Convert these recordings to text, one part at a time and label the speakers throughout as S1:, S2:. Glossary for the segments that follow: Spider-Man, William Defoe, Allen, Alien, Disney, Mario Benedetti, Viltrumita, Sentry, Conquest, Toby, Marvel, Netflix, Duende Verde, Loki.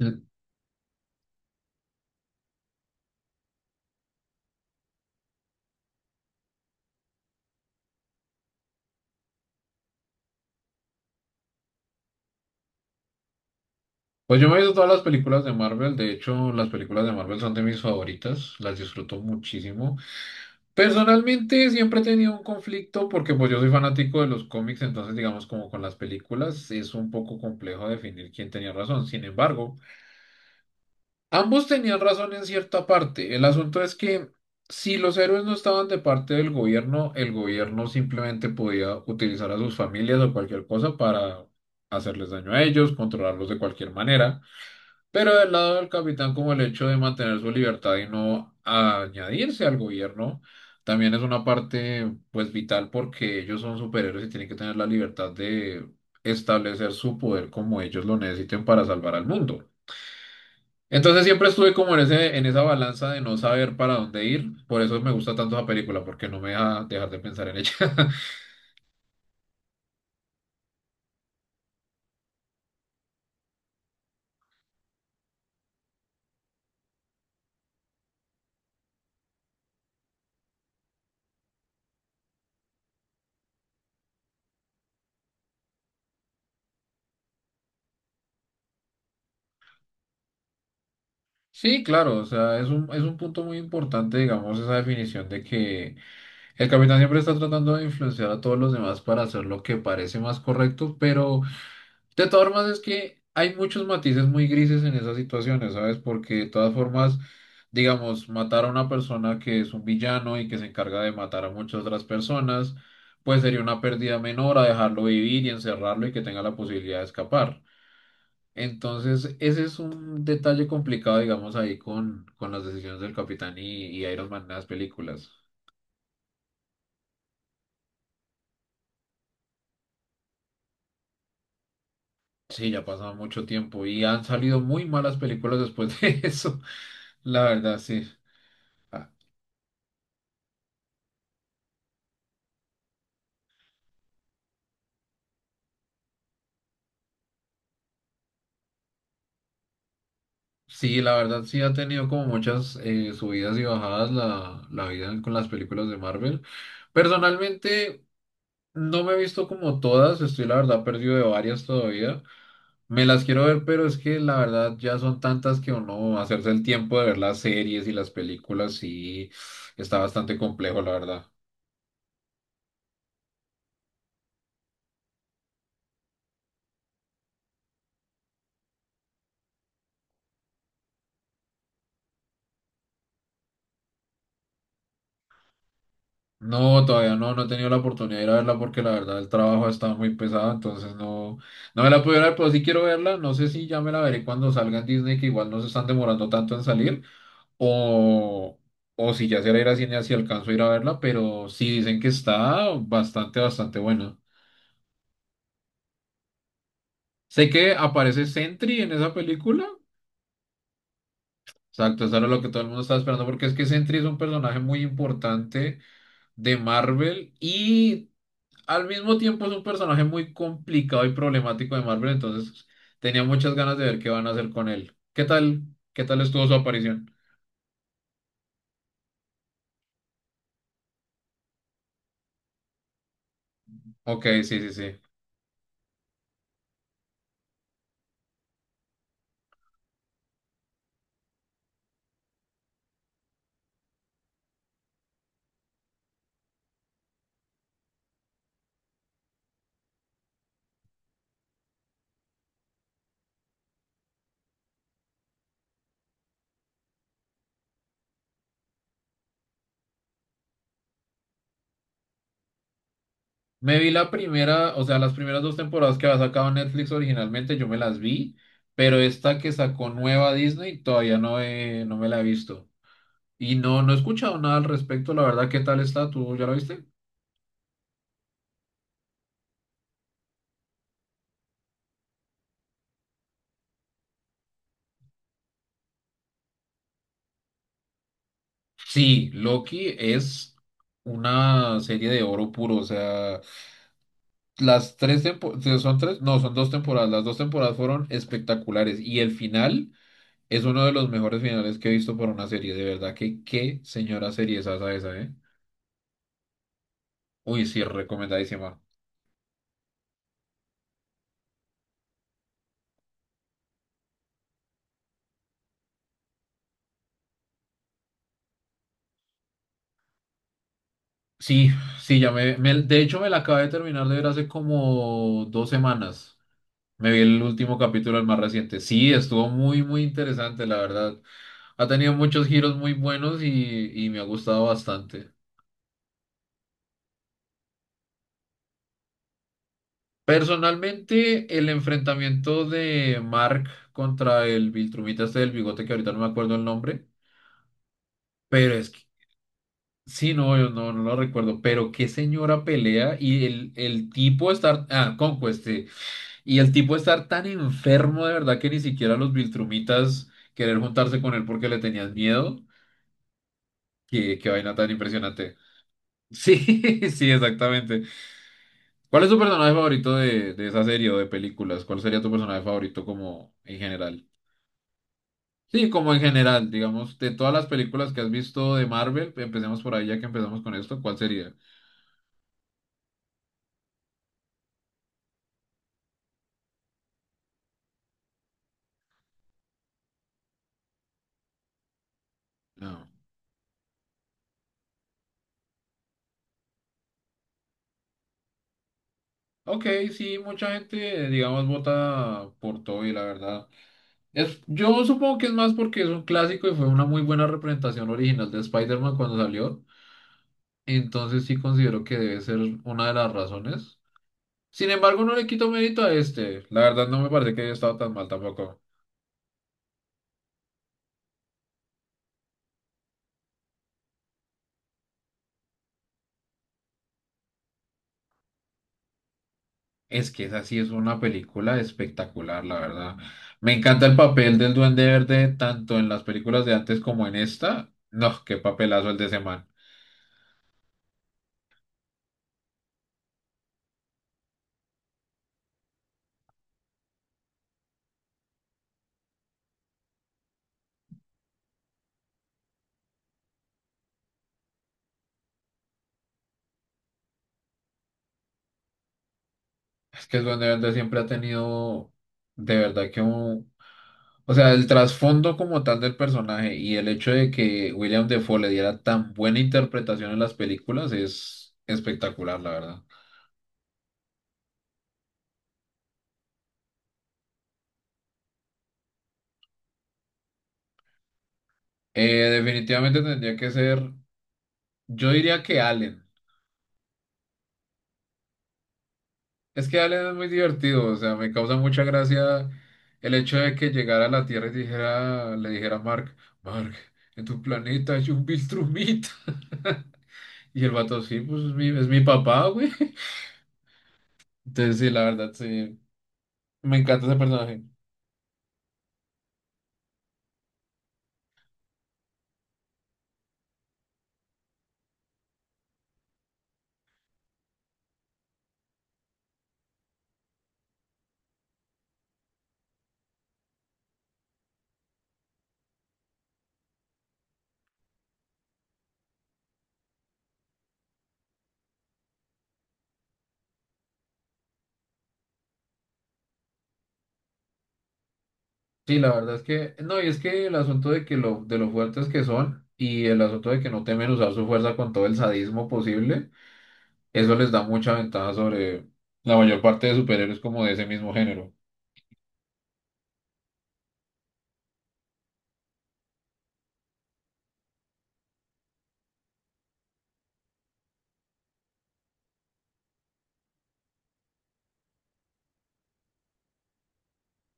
S1: Mm. Pues yo me he visto todas las películas de Marvel. De hecho, las películas de Marvel son de mis favoritas, las disfruto muchísimo. Personalmente siempre he tenido un conflicto porque pues yo soy fanático de los cómics. Entonces, digamos, como con las películas es un poco complejo definir quién tenía razón. Sin embargo, ambos tenían razón en cierta parte. El asunto es que si los héroes no estaban de parte del gobierno, el gobierno simplemente podía utilizar a sus familias o cualquier cosa para hacerles daño a ellos, controlarlos de cualquier manera. Pero del lado del capitán, como el hecho de mantener su libertad y no añadirse al gobierno, también es una parte pues vital, porque ellos son superhéroes y tienen que tener la libertad de establecer su poder como ellos lo necesiten para salvar al mundo. Entonces siempre estuve como en esa balanza de no saber para dónde ir. Por eso me gusta tanto esa película, porque no me deja dejar de pensar en ella. Sí, claro, o sea, es un punto muy importante, digamos, esa definición de que el capitán siempre está tratando de influenciar a todos los demás para hacer lo que parece más correcto. Pero de todas formas es que hay muchos matices muy grises en esas situaciones, ¿sabes? Porque de todas formas, digamos, matar a una persona que es un villano y que se encarga de matar a muchas otras personas, pues sería una pérdida menor a dejarlo vivir y encerrarlo y que tenga la posibilidad de escapar. Entonces, ese es un detalle complicado, digamos, ahí con las decisiones del capitán y Iron Man en las películas. Sí, ya ha pasado mucho tiempo y han salido muy malas películas después de eso. La verdad, sí. Ah, sí, la verdad, sí ha tenido como muchas subidas y bajadas la vida con las películas de Marvel. Personalmente, no me he visto como todas, estoy la verdad perdido de varias todavía. Me las quiero ver, pero es que la verdad ya son tantas que uno hacerse el tiempo de ver las series y las películas, sí, está bastante complejo, la verdad. No, todavía no, no he tenido la oportunidad de ir a verla porque la verdad el trabajo ha estado muy pesado, entonces no, no me la pude ver, pero sí quiero verla. No sé si ya me la veré cuando salga en Disney, que igual no se están demorando tanto en salir, o, o si ya será ir a cine, si alcanzo a ir a verla, pero sí dicen que está bastante buena. Sé que aparece Sentry en esa película, exacto, eso era lo que todo el mundo estaba esperando, porque es que Sentry es un personaje muy importante de Marvel y... al mismo tiempo es un personaje muy complicado y problemático de Marvel. Entonces tenía muchas ganas de ver qué van a hacer con él. ¿Qué tal? ¿Qué tal estuvo su aparición? Ok, sí, sí, sí. Me vi la primera, o sea, las primeras dos temporadas que había sacado Netflix originalmente, yo me las vi, pero esta que sacó nueva Disney todavía no, no me la he visto. Y no, no he escuchado nada al respecto, la verdad. ¿Qué tal está? ¿Tú ya la viste? Sí, Loki es una serie de oro puro, o sea... Las tres temporadas, son tres, no, son dos temporadas. Las dos temporadas fueron espectaculares y el final es uno de los mejores finales que he visto por una serie. De verdad que qué señora serie es esa, ¿eh? Uy, sí, recomendadísima. Sí, sí, de hecho me la acabé de terminar de ver hace como dos semanas. Me vi el último capítulo, el más reciente. Sí, estuvo muy interesante, la verdad. Ha tenido muchos giros muy buenos y me ha gustado bastante. Personalmente, el enfrentamiento de Mark contra el Viltrumita este del bigote, que ahorita no me acuerdo el nombre, pero es que, sí, no, yo no, no lo recuerdo, pero qué señora pelea y el tipo estar, ah, Conquest, sí, y el tipo estar tan enfermo de verdad que ni siquiera los Viltrumitas querer juntarse con él porque le tenían miedo, que qué vaina tan impresionante. Sí, sí, exactamente. ¿Cuál es tu personaje favorito de esa serie o de películas? ¿Cuál sería tu personaje favorito como en general? Sí, como en general, digamos, de todas las películas que has visto de Marvel, empecemos por ahí. Ya que empezamos con esto, ¿cuál sería? No. Ok, sí, mucha gente, digamos, vota por Toby, la verdad. Es, yo supongo que es más porque es un clásico y fue una muy buena representación original de Spider-Man cuando salió. Entonces sí considero que debe ser una de las razones. Sin embargo, no le quito mérito a este. La verdad no me parece que haya estado tan mal tampoco. Es que esa sí es una película espectacular, la verdad. Me encanta el papel del Duende Verde, tanto en las películas de antes como en esta. No, qué papelazo el de ese man. Es que el Duende Verde siempre ha tenido, de verdad que un... O sea, el trasfondo como tal del personaje y el hecho de que William Defoe le diera tan buena interpretación en las películas es espectacular, la verdad. Definitivamente tendría que ser, yo diría que Allen. Es que Alien es muy divertido, o sea, me causa mucha gracia el hecho de que llegara a la Tierra y dijera, le dijera a Mark, Mark, en tu planeta hay un Viltrumita. Y el vato, sí, pues es mi papá, güey. Entonces, sí, la verdad, sí, me encanta ese personaje. Sí, la verdad es que, no, y es que el asunto de que de lo fuertes que son y el asunto de que no temen usar su fuerza con todo el sadismo posible, eso les da mucha ventaja sobre la mayor parte de superhéroes como de ese mismo género.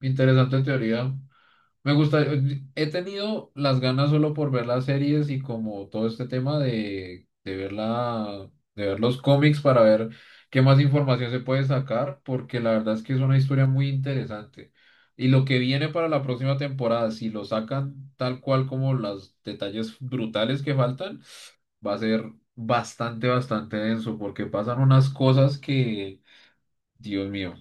S1: Interesante teoría. Me gusta, he tenido las ganas solo por ver las series y como todo este tema de de ver los cómics para ver qué más información se puede sacar, porque la verdad es que es una historia muy interesante. Y lo que viene para la próxima temporada, si lo sacan tal cual como los detalles brutales que faltan, va a ser bastante denso, porque pasan unas cosas que, Dios mío,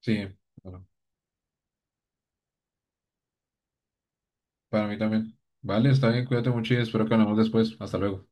S1: sí, bueno, para mí también. Vale, está bien, cuídate mucho y espero que hablemos después. Hasta luego.